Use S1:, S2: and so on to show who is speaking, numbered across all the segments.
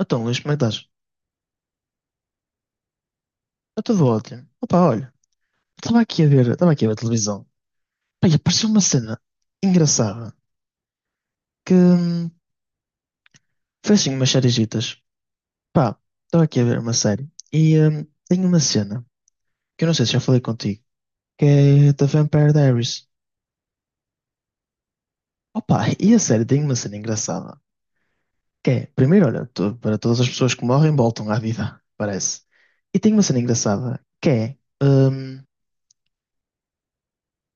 S1: Então, Luís, como é que estás? Eu estou ótimo. Opa, olha, estava aqui a ver a televisão. Pá, e apareceu uma cena engraçada que foi assim umas sériezitas. Pá, estava aqui a ver uma série e tem uma cena que eu não sei se já falei contigo, que é The Vampire Diaries. Opa, e a série tem uma cena engraçada, que é, primeiro, olha, para todas as pessoas que morrem voltam à vida, parece. E tem uma cena engraçada, que é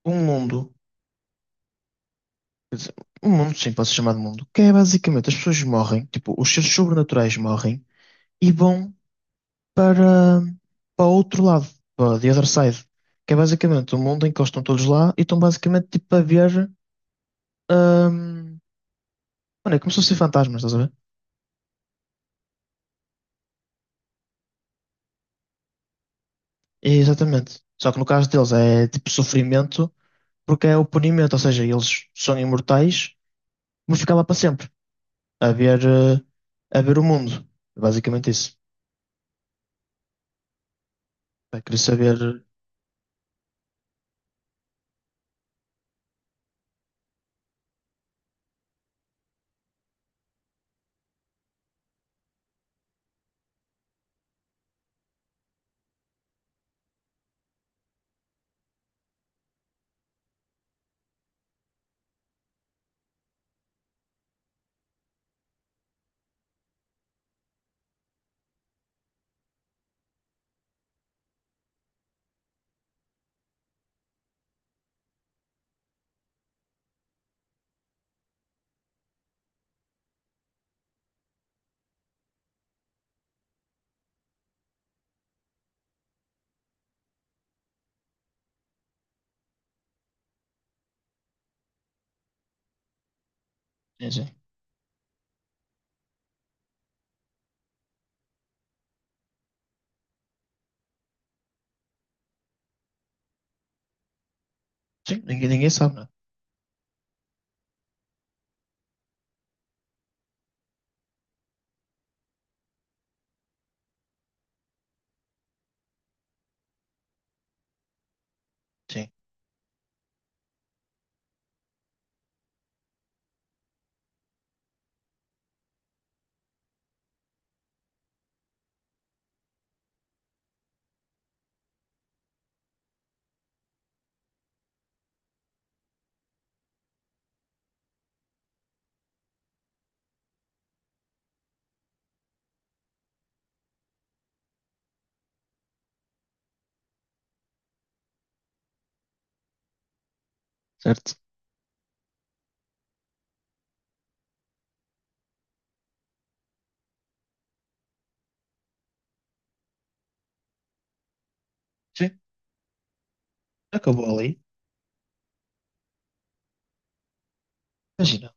S1: um mundo. Quer dizer, um mundo, sim, pode ser chamado mundo, que é basicamente as pessoas morrem, tipo, os seres sobrenaturais morrem e vão para, para outro lado, para the other side, que é basicamente o mundo em que eles estão todos lá e estão basicamente tipo a ver. hum, mano, é como se fossem fantasmas, estás a ver? É, exatamente. Só que no caso deles é tipo sofrimento, porque é o punimento, ou seja, eles são imortais, vão ficar lá para sempre, a ver, eh, a ver o mundo. É basicamente isso. Pá, queria saber. Sim, sim. Sim, ninguém, ninguém sabe, né? Sim, certo? Sim, acabou ali. Imagina.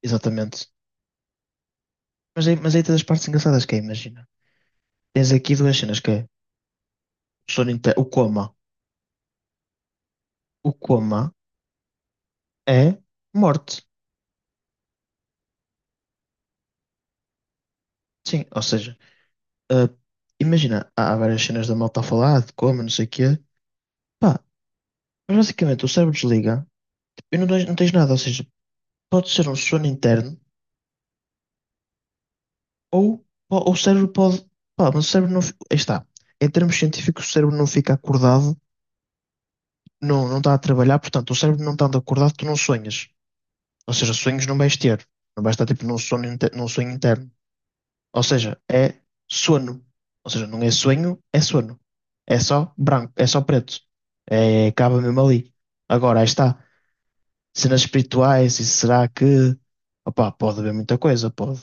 S1: Exatamente. Mas aí tens as partes engraçadas que é, imagina. Tens aqui duas cenas que é o coma. O coma é morte. Sim, ou seja, ah, imagina, há várias cenas da malta a falar de coma, não sei o quê. Pá, mas basicamente o cérebro desliga tipo, e não tens nada, ou seja, pode ser um sono interno ou o cérebro pode. Pá, mas o cérebro não. Aí está. Em termos científicos, o cérebro não fica acordado não, não está a trabalhar, portanto, o cérebro não estando acordado, tu não sonhas. Ou seja, sonhos não vais ter. Não vais estar tipo num num sonho interno. Ou seja, é sono. Ou seja, não é sonho, é sono. É só branco, é só preto. É, acaba mesmo ali. Agora, aí está. Cenas espirituais, e será que. Opá, pode haver muita coisa, pode.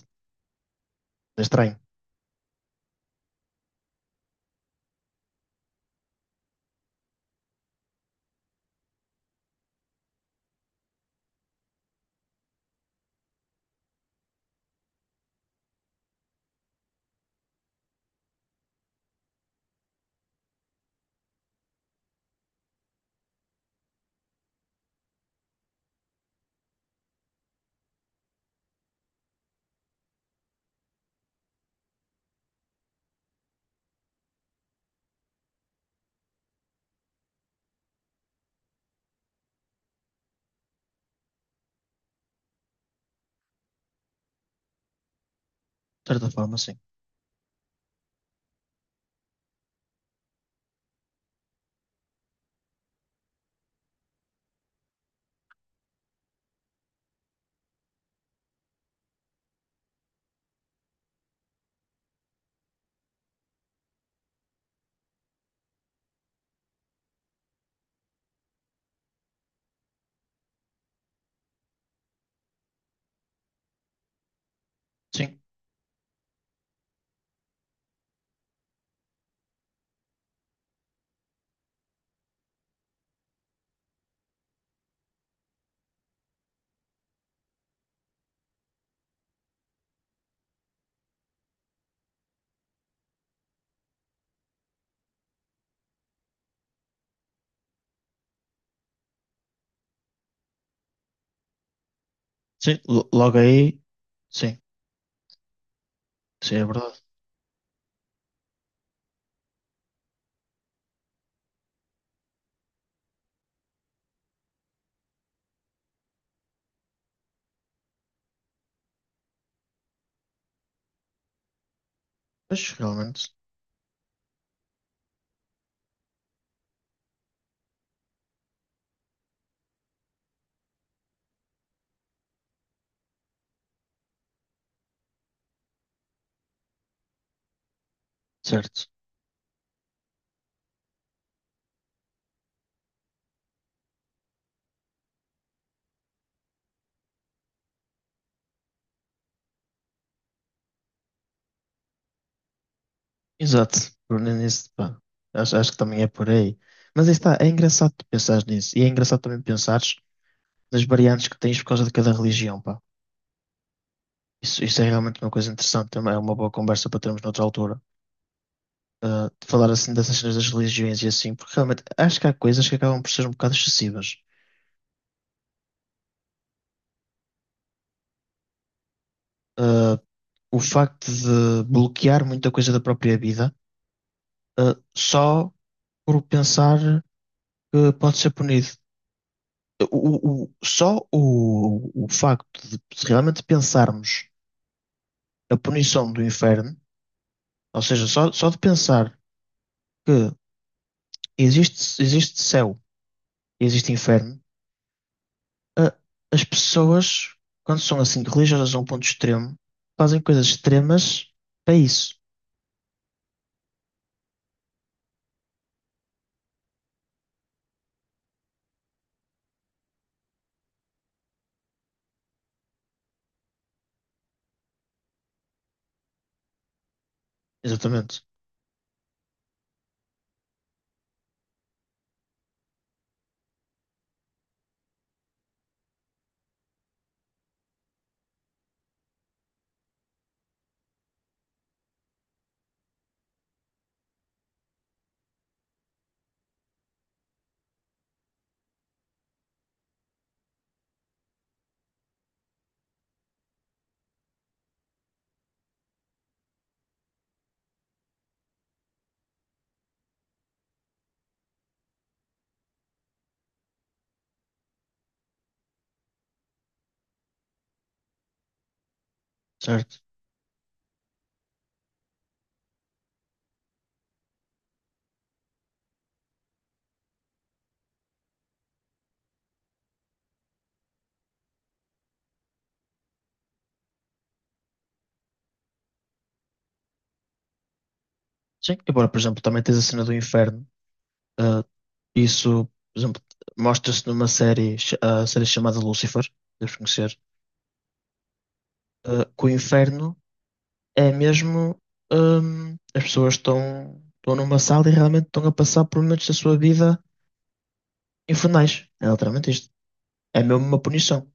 S1: É estranho. De certa forma, sim. Sim, sim. Logo aí, sim, sim, é verdade. Mas realmente, certo. Exato, por nisso, pá. Acho que também é por aí. Mas aí está, é engraçado tu pensares nisso. E é engraçado também pensares nas variantes que tens por causa de cada religião, pá. Isso é realmente uma coisa interessante, também é uma boa conversa para termos noutra altura. Ah, de falar assim dessas cenas das religiões e assim, porque realmente acho que há coisas que acabam por ser um bocado excessivas. Ah, o facto de bloquear muita coisa da própria vida, só por pensar que pode ser punido. Só o facto de realmente pensarmos a punição do inferno, ou seja, só de pensar que existe céu e existe inferno, a- as pessoas, quando são assim religiosas a um ponto extremo, fazem coisas extremas para isso. Exatamente, certo? Sim. Agora, por exemplo, também tens a cena do inferno. ah, isso, por exemplo, mostra-se numa série, a série chamada Lucifer, deves conhecer, que o inferno. É mesmo, as pessoas estão numa sala e realmente estão a passar por momentos da sua vida infernais. É literalmente isto. É mesmo uma punição.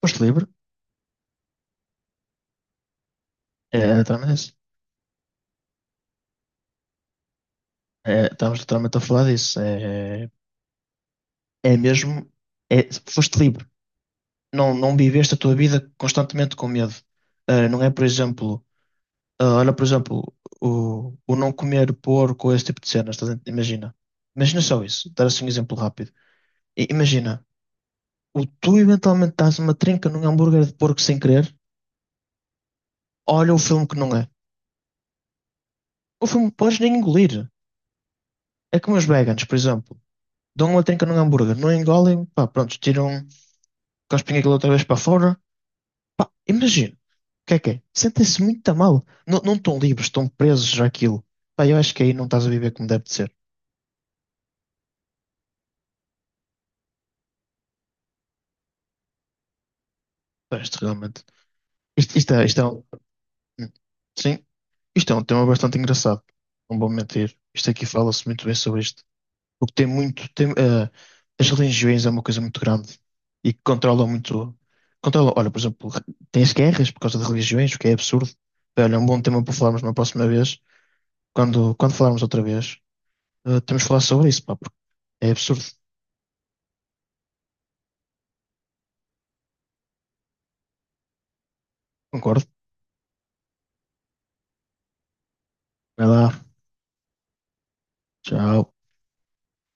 S1: Posto livre, é literalmente isso. É, estamos literalmente a falar disso. É, é mesmo, é, foste livre. Não, não viveste a tua vida constantemente com medo. Ah, não é, por exemplo, olha, por exemplo, o não comer porco, esse tipo de cenas. Imagina. Imagina só isso. Dar assim um exemplo rápido. Imagina. O tu eventualmente dás uma trinca num hambúrguer de porco sem querer, olha o filme que não é. O filme podes nem engolir. É como os vegans, por exemplo. Dão uma trinca num hambúrguer, não engolem, pá, pronto, tiram, cospem aquilo outra vez para fora. Imagina, o que é que é? Sentem-se muito mal. Não, não estão livres, estão presos àquilo. Pá, eu acho que aí não estás a viver como deve de ser. Pá, isto realmente. Isto é sim, isto é um tema bastante engraçado. Não vou mentir. Isto aqui fala-se muito bem sobre isto. O que tem muito. Tem, as religiões é uma coisa muito grande e que controla muito. Controla, olha, por exemplo, tem-se guerras por causa de religiões, o que é absurdo. Bem, olha, é um bom tema para falarmos na próxima vez. Quando falarmos outra vez, temos de falar sobre isso, pá, porque é absurdo. Concordo. Vai lá. Tchau.